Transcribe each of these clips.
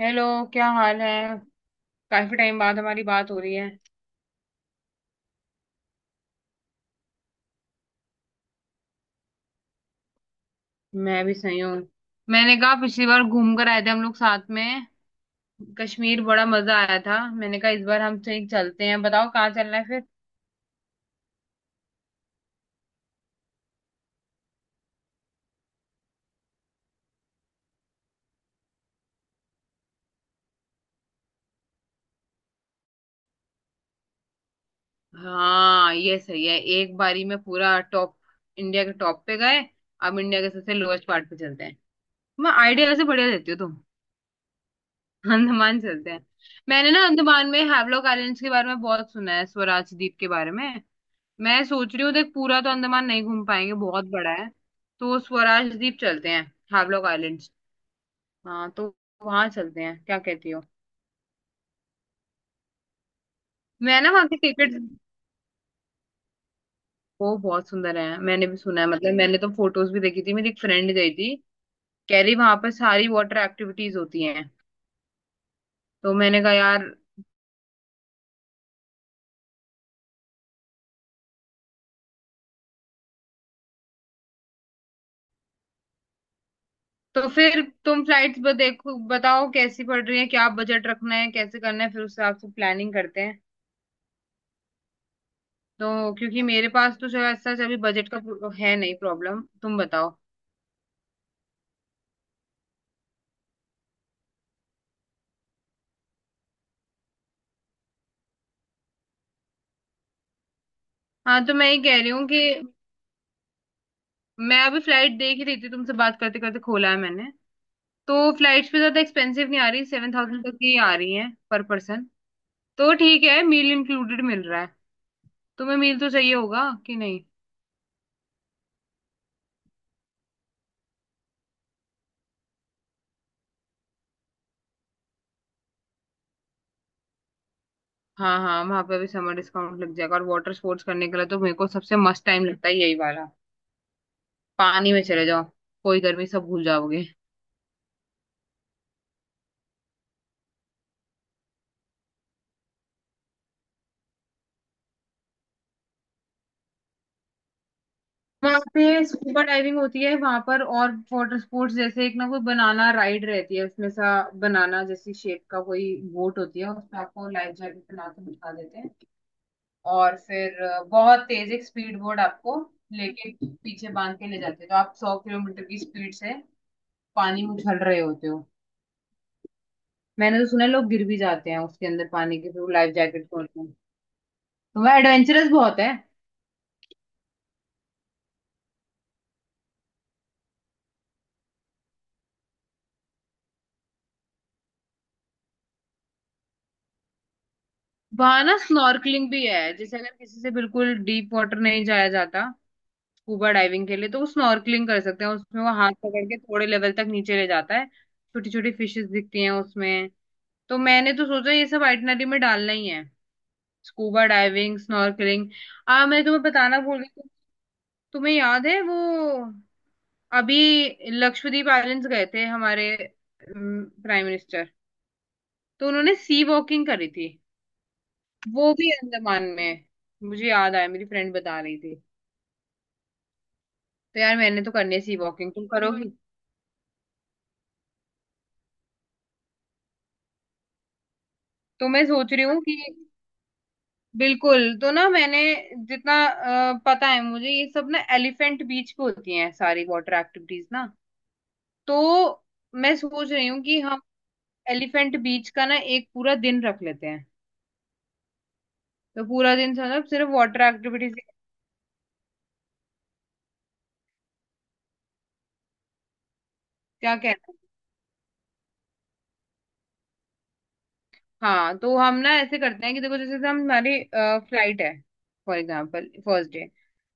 Hello. क्या हाल है। काफी टाइम बाद हमारी बात हो रही है। मैं भी सही हूँ। मैंने कहा पिछली बार घूम कर आए थे हम लोग साथ में। कश्मीर बड़ा मजा आया था। मैंने कहा इस बार हम सही चलते हैं, बताओ कहाँ चलना है फिर। हाँ, ये सही है। एक बारी में पूरा टॉप, इंडिया के टॉप पे गए। अब इंडिया के सबसे लोएस्ट पार्ट पे चलते हैं। मैं आइडिया से बढ़िया देती हो तुम। अंडमान चलते हैं। मैंने ना अंडमान में हैवलॉक आइलैंड्स के बारे में बहुत सुना है, स्वराज द्वीप के बारे में। मैं सोच रही हूँ, देख पूरा तो अंडमान नहीं घूम पाएंगे, बहुत बड़ा है। तो स्वराज द्वीप चलते हैं, हावलॉक आइलैंड्स। हाँ तो वहां चलते हैं, क्या कहती हो। मैं ना वहाँ की टिकट। वो बहुत सुंदर है, मैंने भी सुना है। मतलब मैंने तो फोटोज भी देखी थी, मेरी एक फ्रेंड गई थी। कह रही वहां पर सारी वाटर एक्टिविटीज होती हैं। तो मैंने कहा यार, तो फिर तुम फ्लाइट्स देखो, बताओ कैसी पड़ रही है, क्या बजट रखना है, कैसे करना है, फिर उस हिसाब से प्लानिंग करते हैं। तो क्योंकि मेरे पास तो जो है ऐसा अभी बजट का है नहीं प्रॉब्लम, तुम बताओ। हाँ तो मैं ये कह रही हूँ कि मैं अभी फ्लाइट देख ही रही थी, तुमसे बात करते करते खोला है मैंने। तो फ्लाइट्स भी ज्यादा एक्सपेंसिव नहीं आ रही, 7,000 तक ही आ रही है पर पर्सन। तो ठीक है, मील इंक्लूडेड मिल रहा है। तुम्हें मील तो चाहिए होगा कि नहीं। हाँ हाँ, वहां पे भी समर डिस्काउंट लग जाएगा और वाटर स्पोर्ट्स करने के लिए तो मेरे को सबसे मस्त टाइम लगता है यही वाला। पानी में चले जाओ, कोई गर्मी सब भूल जाओगे। वहां पे स्कूबा डाइविंग होती है वहां पर, और वाटर स्पोर्ट्स जैसे एक ना कोई बनाना राइड रहती है, उसमें सा बनाना जैसी शेप का कोई बोट होती है, उसमें आपको लाइफ जैकेट बना के बिठा देते हैं। और फिर बहुत तेज एक स्पीड बोर्ड आपको लेके पीछे बांध के ले जाते हैं, तो आप 100 किलोमीटर की स्पीड से पानी में उछल रहे होते हो। मैंने तो सुना है लोग गिर भी जाते हैं, उसके अंदर पानी के थ्रू लाइफ जैकेट खोलते हैं। तो वह एडवेंचरस बहुत है। वहां ना स्नॉर्कलिंग भी है, जैसे अगर किसी से बिल्कुल डीप वाटर नहीं जाया जाता स्कूबा डाइविंग के लिए, तो वो स्नॉर्कलिंग कर सकते हैं। उसमें वो हाथ पकड़ के थोड़े लेवल तक नीचे ले जाता है, छोटी छोटी फिशेस दिखती हैं उसमें। तो मैंने तो सोचा ये सब आइटनरी में डालना ही है, स्कूबा डाइविंग, स्नॉर्कलिंग। आ मैं तुम्हें बताना भूल गई। तुम्हें याद है वो, अभी लक्षद्वीप आइलैंड्स गए थे हमारे प्राइम मिनिस्टर, तो उन्होंने सी वॉकिंग करी थी। वो भी अंडमान में, मुझे याद आया, मेरी फ्रेंड बता रही थी। तो यार मैंने तो करनी है सी वॉकिंग, तुम करोगी। तो मैं सोच रही हूँ कि बिल्कुल तो ना मैंने जितना पता है मुझे, ये सब ना एलिफेंट बीच पे होती हैं सारी वाटर एक्टिविटीज ना। तो मैं सोच रही हूँ कि हम एलिफेंट बीच का ना एक पूरा दिन रख लेते हैं। तो पूरा दिन मतलब सिर्फ वाटर एक्टिविटीज, क्या कहते हैं। हाँ, तो हम ना ऐसे करते हैं कि देखो, जैसे हम हमारी फ्लाइट है, फॉर एग्जाम्पल फर्स्ट डे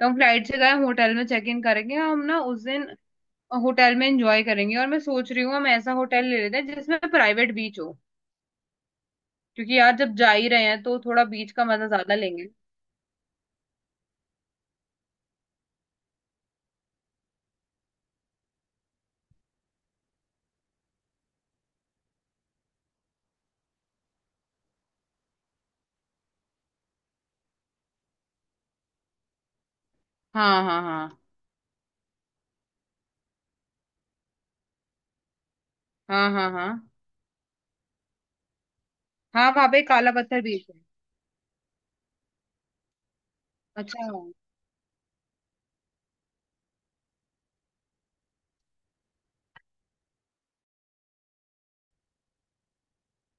तो हम फ्लाइट से गए, होटल में चेक इन करेंगे हम ना उस दिन। होटल में एंजॉय करेंगे, और मैं सोच रही हूँ हम ऐसा होटल ले लेते हैं जिसमें प्राइवेट बीच हो। क्योंकि यार जब जा ही रहे हैं तो थोड़ा बीच का मजा ज्यादा लेंगे। हाँ हाँ हाँ। हाँ हाँ हाँ। हाँ, वहां पे काला पत्थर बीच है। अच्छा हाँ।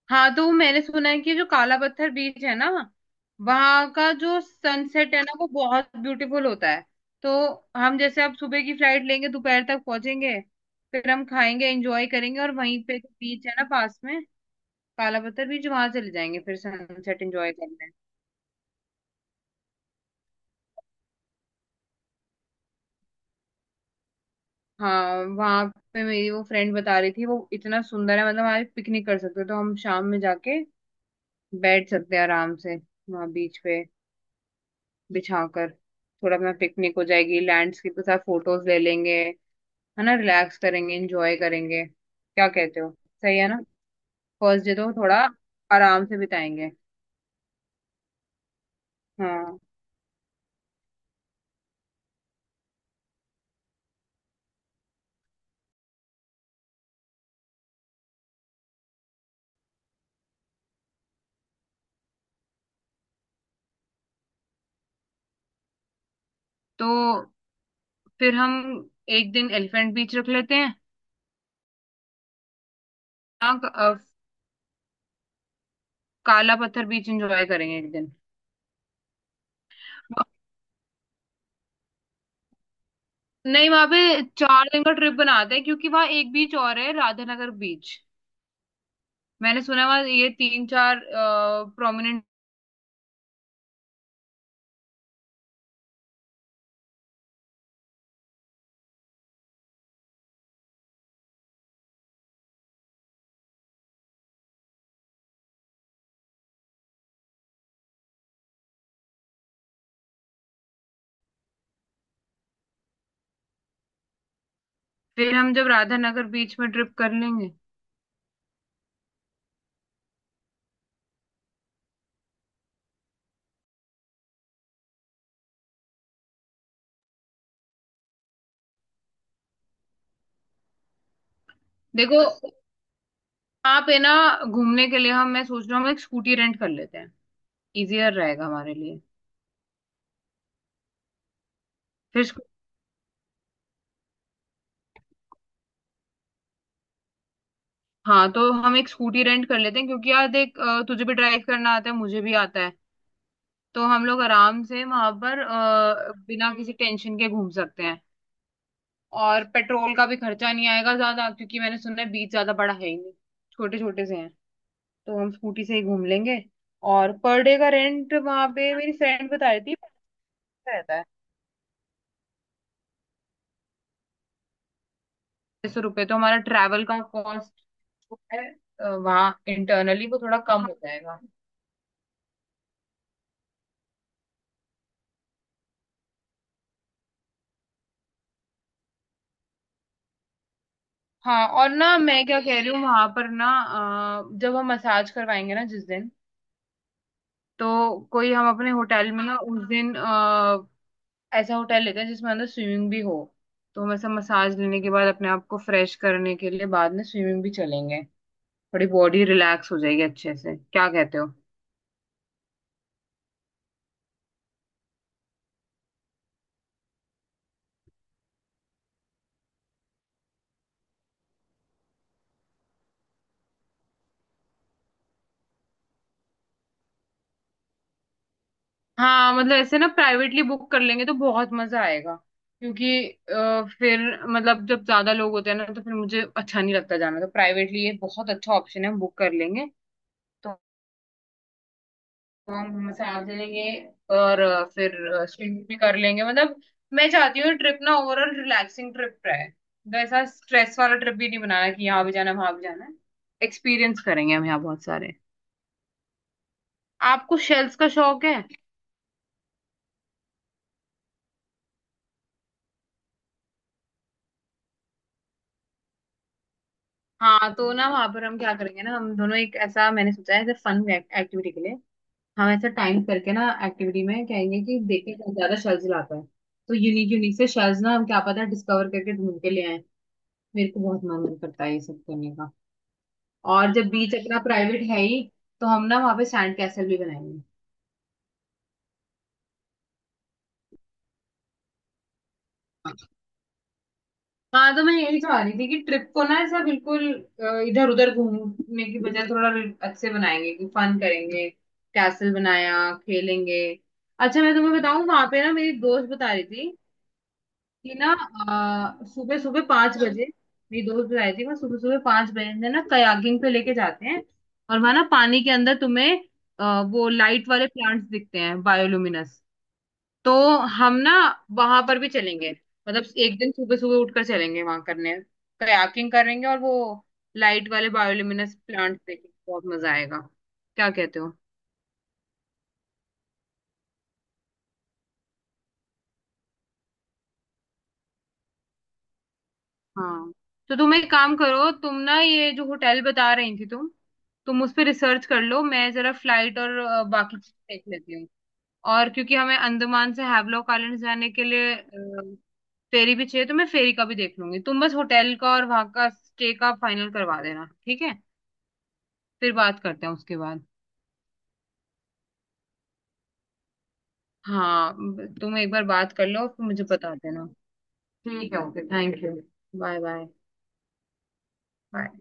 हाँ तो मैंने सुना है कि जो काला पत्थर बीच है ना, वहां का जो सनसेट है ना, वो बहुत ब्यूटीफुल होता है। तो हम जैसे अब सुबह की फ्लाइट लेंगे, दोपहर तक पहुंचेंगे, फिर हम खाएंगे, एंजॉय करेंगे, और वहीं पे जो बीच है ना पास में, काला पत्थर बीच, वहां चले जाएंगे फिर सनसेट एंजॉय करने। हाँ, वहां पे मेरी वो फ्रेंड बता रही थी, वो इतना सुंदर है, मतलब हमारे पिकनिक कर सकते हो। तो हम शाम में जाके बैठ सकते हैं आराम से वहां बीच पे, बिछा कर थोड़ा अपना पिकनिक हो जाएगी, लैंडस्केप के साथ फोटोज ले लेंगे, है ना, रिलैक्स करेंगे, एंजॉय करेंगे, क्या कहते हो। सही है ना। फर्स्ट डे तो थोड़ा आराम से बिताएंगे। हाँ, तो फिर हम एक दिन एलिफेंट बीच रख लेते हैं। हाँ, काला पत्थर बीच एंजॉय करेंगे एक दिन। नहीं, वहां पे 4 दिन का ट्रिप बनाते हैं, क्योंकि वहां एक बीच और है, राधानगर बीच। मैंने सुना है वहां ये 3-4 प्रोमिनेंट। फिर हम जब राधानगर बीच में ट्रिप कर लेंगे। देखो, वहां पे ना घूमने के लिए हम, मैं सोच रहा हूँ हम एक स्कूटी रेंट कर लेते हैं, इजियर रहेगा हमारे लिए। फिर स्कू- हाँ तो हम एक स्कूटी रेंट कर लेते हैं, क्योंकि यार देख तुझे भी ड्राइव करना आता है, मुझे भी आता है। तो हम लोग आराम से वहां पर बिना किसी टेंशन के घूम सकते हैं। और पेट्रोल का भी खर्चा नहीं आएगा ज्यादा, क्योंकि मैंने सुना है बीच ज्यादा बड़ा है ही नहीं, छोटे छोटे से हैं। तो हम स्कूटी से ही घूम लेंगे। और पर डे का रेंट वहां पे मेरी फ्रेंड बता रही थी 50 रहता है, 600 रुपये, तो हमारा ट्रैवल का कॉस्ट जो है वहाँ इंटरनली वो थोड़ा कम हो जाएगा। हाँ, और ना मैं क्या कह रही हूँ, वहां पर ना जब हम मसाज करवाएंगे ना जिस दिन, तो कोई हम अपने होटल में ना उस दिन ऐसा होटल लेते हैं जिसमें अंदर स्विमिंग भी हो। तो हम ऐसा मसाज लेने के बाद, अपने आप को फ्रेश करने के लिए बाद में स्विमिंग भी चलेंगे, थोड़ी बॉडी रिलैक्स हो जाएगी अच्छे से, क्या कहते हो। हाँ, मतलब ऐसे ना प्राइवेटली बुक कर लेंगे तो बहुत मजा आएगा, क्योंकि फिर मतलब जब ज्यादा लोग होते हैं ना, तो फिर मुझे अच्छा नहीं लगता जाना। तो प्राइवेटली ये बहुत अच्छा ऑप्शन है, हम बुक कर लेंगे। तो तो हम मसाज ले लेंगे और फिर स्विमिंग भी कर लेंगे। मतलब मैं चाहती हूँ ट्रिप ना ओवरऑल रिलैक्सिंग ट्रिप रहे, तो ऐसा स्ट्रेस वाला ट्रिप भी नहीं बनाना कि यहाँ भी जाना है, वहां भी जाना है। एक्सपीरियंस करेंगे हम यहाँ बहुत सारे। आपको शेल्स का शौक है। हाँ, तो ना वहां पर हम क्या करेंगे ना, हम दोनों एक ऐसा मैंने सोचा है ऐसे फन एक्टिविटी के लिए, हम ऐसा टाइम करके ना एक्टिविटी में कहेंगे कि देखें कौन ज्यादा शेल्स लाता है। तो यूनिक यूनिक से शेल्स ना हम क्या पता डिस्कवर करके ढूंढ के ले आए। मेरे को बहुत मन करता है ये सब करने का। और जब बीच अपना प्राइवेट है ही, तो हम ना वहां पे सैंड कैसल भी बनाएंगे। हाँ तो मैं यही चाह रही थी कि ट्रिप को ना ऐसा बिल्कुल इधर उधर घूमने की बजाय, थोड़ा अच्छे बनाएंगे कि फन करेंगे, कैसल बनाया, खेलेंगे। अच्छा मैं तुम्हें बताऊं, वहां पे ना मेरी दोस्त बता रही थी कि ना सुबह सुबह 5 बजे, मेरी दोस्त बता रही थी वहाँ सुबह सुबह 5 बजे ना कयाकिंग पे लेके जाते हैं। और वहां ना पानी के अंदर तुम्हें वो लाइट वाले प्लांट्स दिखते हैं, बायोलुमिनस। तो हम ना वहां पर भी चलेंगे, मतलब एक दिन सुबह सुबह उठकर चलेंगे वहां करने, कयाकिंग करेंगे और वो लाइट वाले बायोल्यूमिनेस प्लांट देखेंगे, बहुत मजा आएगा, क्या कहते हो। हाँ, तो तुम एक काम करो, तुम ना ये जो होटल बता रही थी तुम उस पर रिसर्च कर लो, मैं जरा फ्लाइट और बाकी चीजें देख लेती हूँ। और क्योंकि हमें अंडमान से हैवलॉक आइलैंड जाने के लिए फेरी भी चाहिए, तो मैं फेरी का भी देख लूंगी। तुम बस होटल का और वहां का स्टे का फाइनल करवा देना, ठीक है। फिर बात करते हैं उसके बाद। हाँ, तुम एक बार बात कर लो, फिर मुझे बता देना। ठीक है, okay, thank you. Bye bye. Bye.